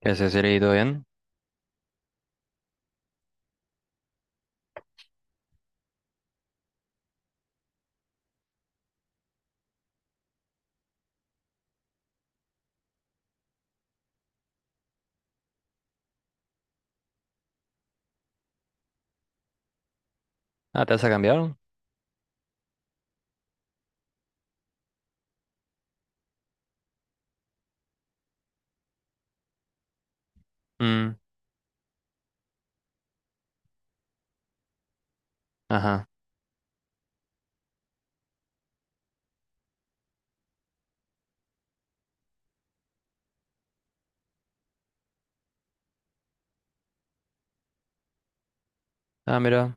¿Qué haces, Siri? ¿Todo bien? Ah, ¿te has cambiado? Mm, ajá. Ah, mira.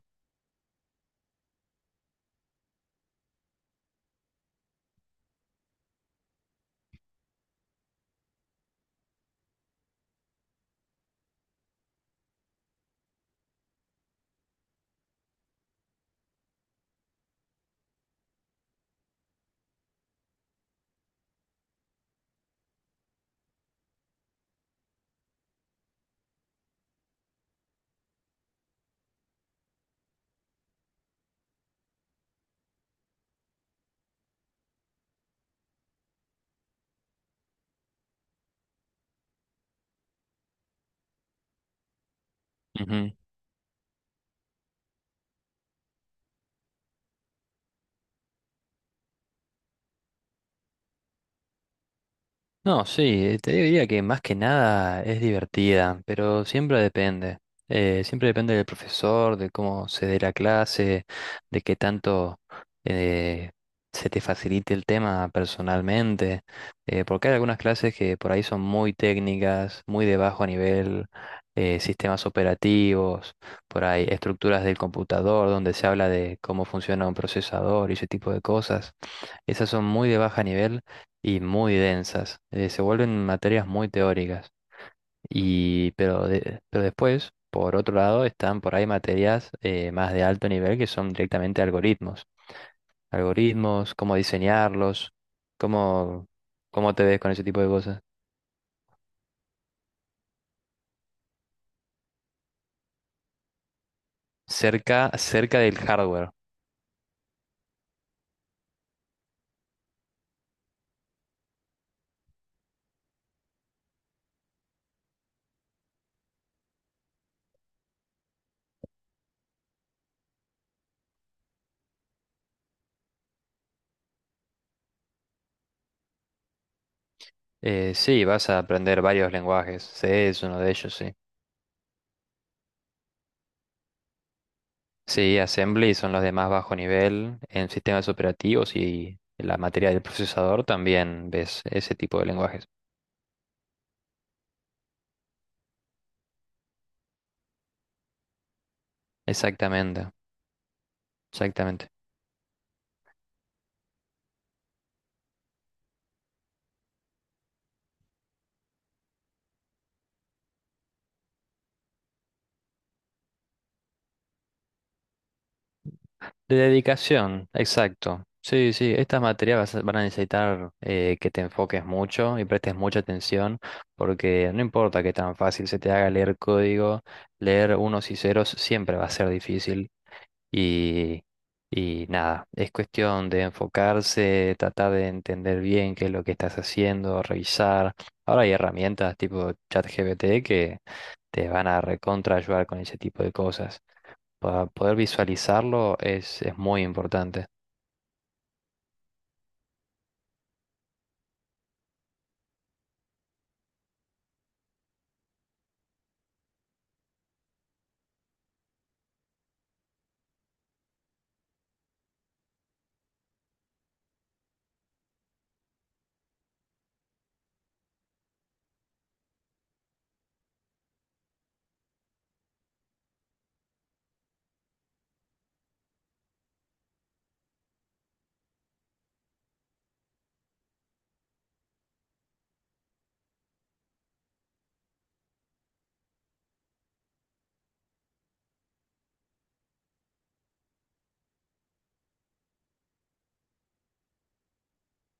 Ujú. No, sí, te diría que más que nada es divertida, pero siempre depende. Siempre depende del profesor, de cómo se dé la clase, de qué tanto eh, se te facilite el tema personalmente, porque hay algunas clases que por ahí son muy técnicas, muy de bajo nivel, sistemas operativos, por ahí estructuras del computador, donde se habla de cómo funciona un procesador y ese tipo de cosas. Esas son muy de baja nivel y muy densas. Se vuelven materias muy teóricas. Pero después, por otro lado, están por ahí materias más de alto nivel que son directamente algoritmos. Algoritmos, cómo diseñarlos, cómo, cómo te ves con ese tipo de cosas. Cerca, cerca del hardware. Sí, vas a aprender varios lenguajes. C es uno de ellos, sí. Sí, Assembly son los de más bajo nivel en sistemas operativos y en la materia del procesador también ves ese tipo de lenguajes. Exactamente, exactamente. De dedicación, exacto. Sí, sí, estas materias van a necesitar que te enfoques mucho y prestes mucha atención, porque no importa que tan fácil se te haga leer código, leer unos y ceros siempre va a ser difícil. Y, y nada, es cuestión de enfocarse, tratar de entender bien qué es lo que estás haciendo, revisar. Ahora hay herramientas tipo ChatGPT que te van a recontra ayudar con ese tipo de cosas. Para poder visualizarlo es muy importante.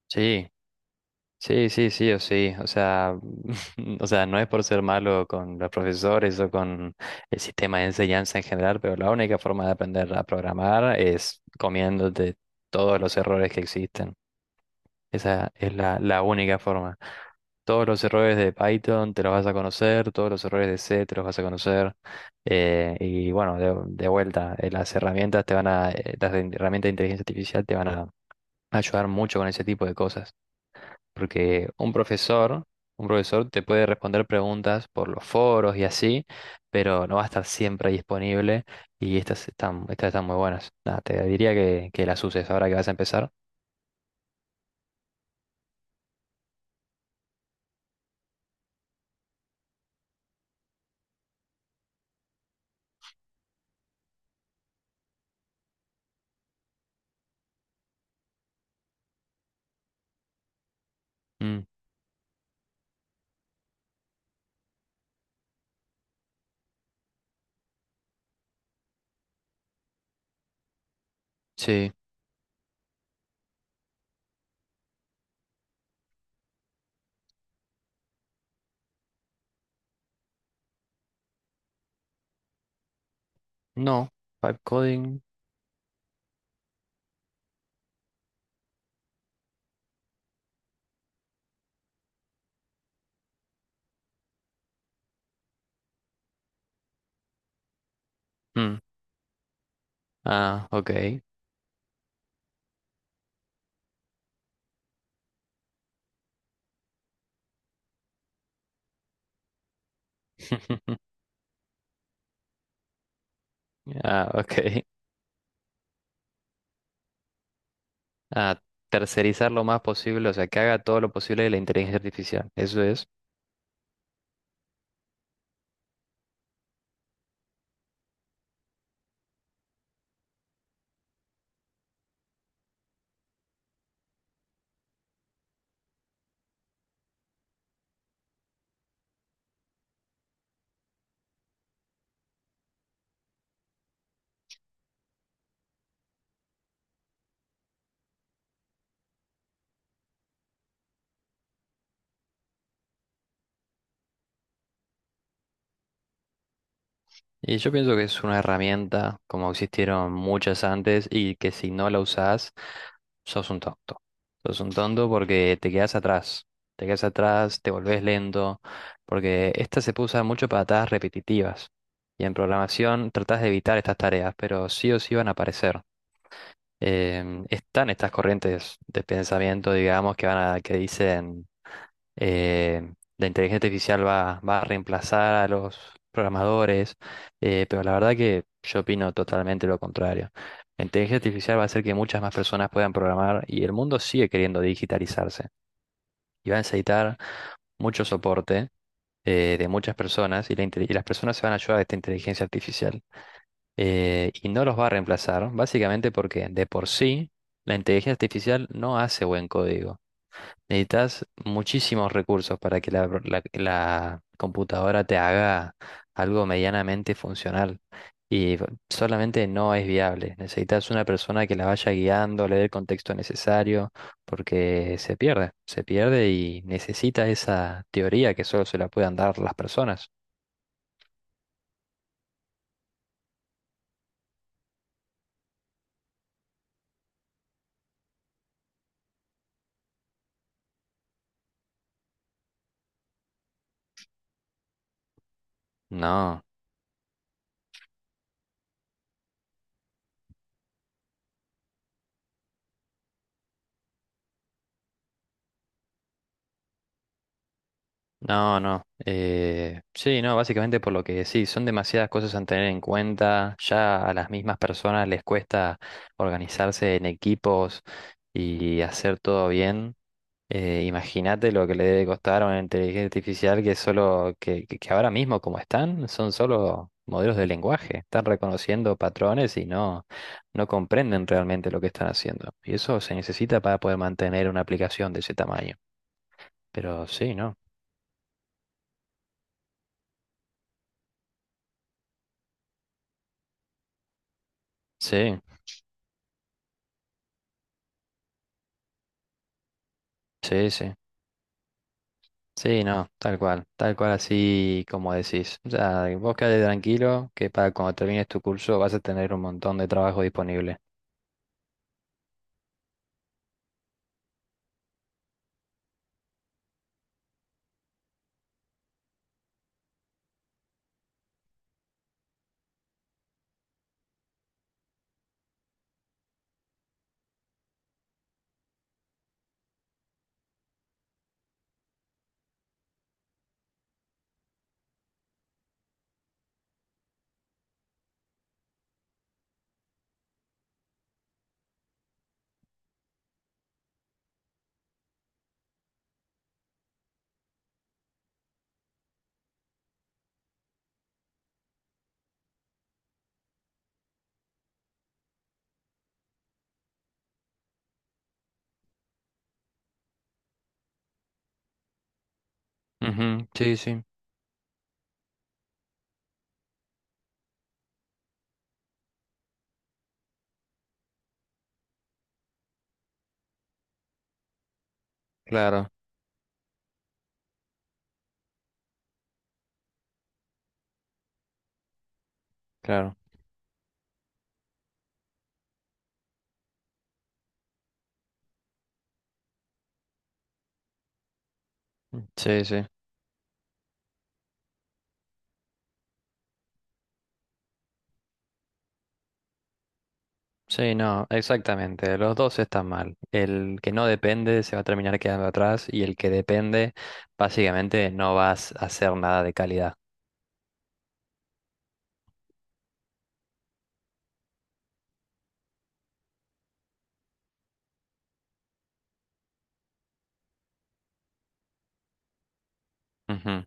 Sí, sí, sí, sí o sí. O sea, no es por ser malo con los profesores o con el sistema de enseñanza en general, pero la única forma de aprender a programar es comiéndote todos los errores que existen. Esa es la única forma. Todos los errores de Python te los vas a conocer, todos los errores de C te los vas a conocer. Y bueno, de vuelta, las herramientas de inteligencia artificial te van a ayudar mucho con ese tipo de cosas. Porque un profesor te puede responder preguntas por los foros y así, pero no va a estar siempre disponible. Y estas están muy buenas. Nada, te diría que las uses ahora que vas a empezar. Mm, sí. No, pipe coding. Mm. Ah, ok. Ah, ok. Ah, tercerizar lo más posible, o sea, que haga todo lo posible de la inteligencia artificial. Eso es. Y yo pienso que es una herramienta, como existieron muchas antes, y que si no la usás, sos un tonto. Sos un tonto porque te quedas atrás. Te quedas atrás, te volvés lento, porque esta se usa mucho para tareas repetitivas. Y en programación tratás de evitar estas tareas, pero sí o sí van a aparecer. Están estas corrientes de pensamiento, digamos, que dicen la inteligencia artificial va a reemplazar a los programadores, pero la verdad que yo opino totalmente lo contrario. La inteligencia artificial va a hacer que muchas más personas puedan programar y el mundo sigue queriendo digitalizarse y va a necesitar mucho soporte de muchas personas y, las personas se van a ayudar de esta inteligencia artificial y no los va a reemplazar, básicamente porque de por sí la inteligencia artificial no hace buen código. Necesitas muchísimos recursos para que la computadora te haga algo medianamente funcional y solamente no es viable. Necesitas una persona que la vaya guiando, le dé el contexto necesario, porque se pierde y necesita esa teoría que solo se la puedan dar las personas. No. No, no. Sí, no, básicamente por lo que sí, son demasiadas cosas a tener en cuenta. Ya a las mismas personas les cuesta organizarse en equipos y hacer todo bien. Imagínate lo que le debe costar a una inteligencia artificial que solo, que ahora mismo como están, son solo modelos de lenguaje. Están reconociendo patrones y no comprenden realmente lo que están haciendo. Y eso se necesita para poder mantener una aplicación de ese tamaño. Pero sí, ¿no? Sí, sí, sí. Sí, no, tal cual así como decís. O sea, vos quedate tranquilo que para cuando termines tu curso vas a tener un montón de trabajo disponible. Ujú. Sí, sí, claro, claro. Sí, sí. Sí, no, exactamente. Los dos están mal. El que no depende se va a terminar quedando atrás y el que depende, básicamente no vas a hacer nada de calidad. Ujú,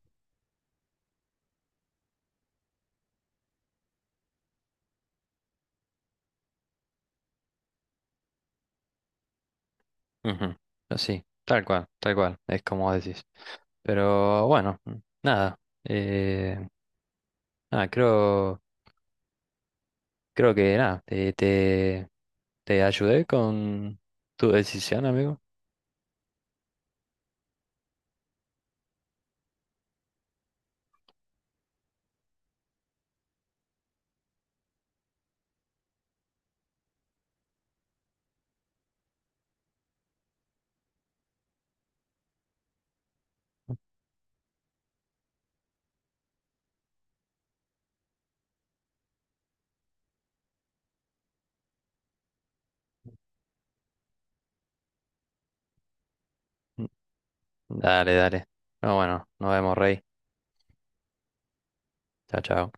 ujú. Sí, tal cual, es como decís. Pero bueno, nada. Eh, Nada, creo. Creo que nada, te ayudé con tu decisión, amigo. Dale, dale. No, bueno, nos vemos, Rey. Chao, chao.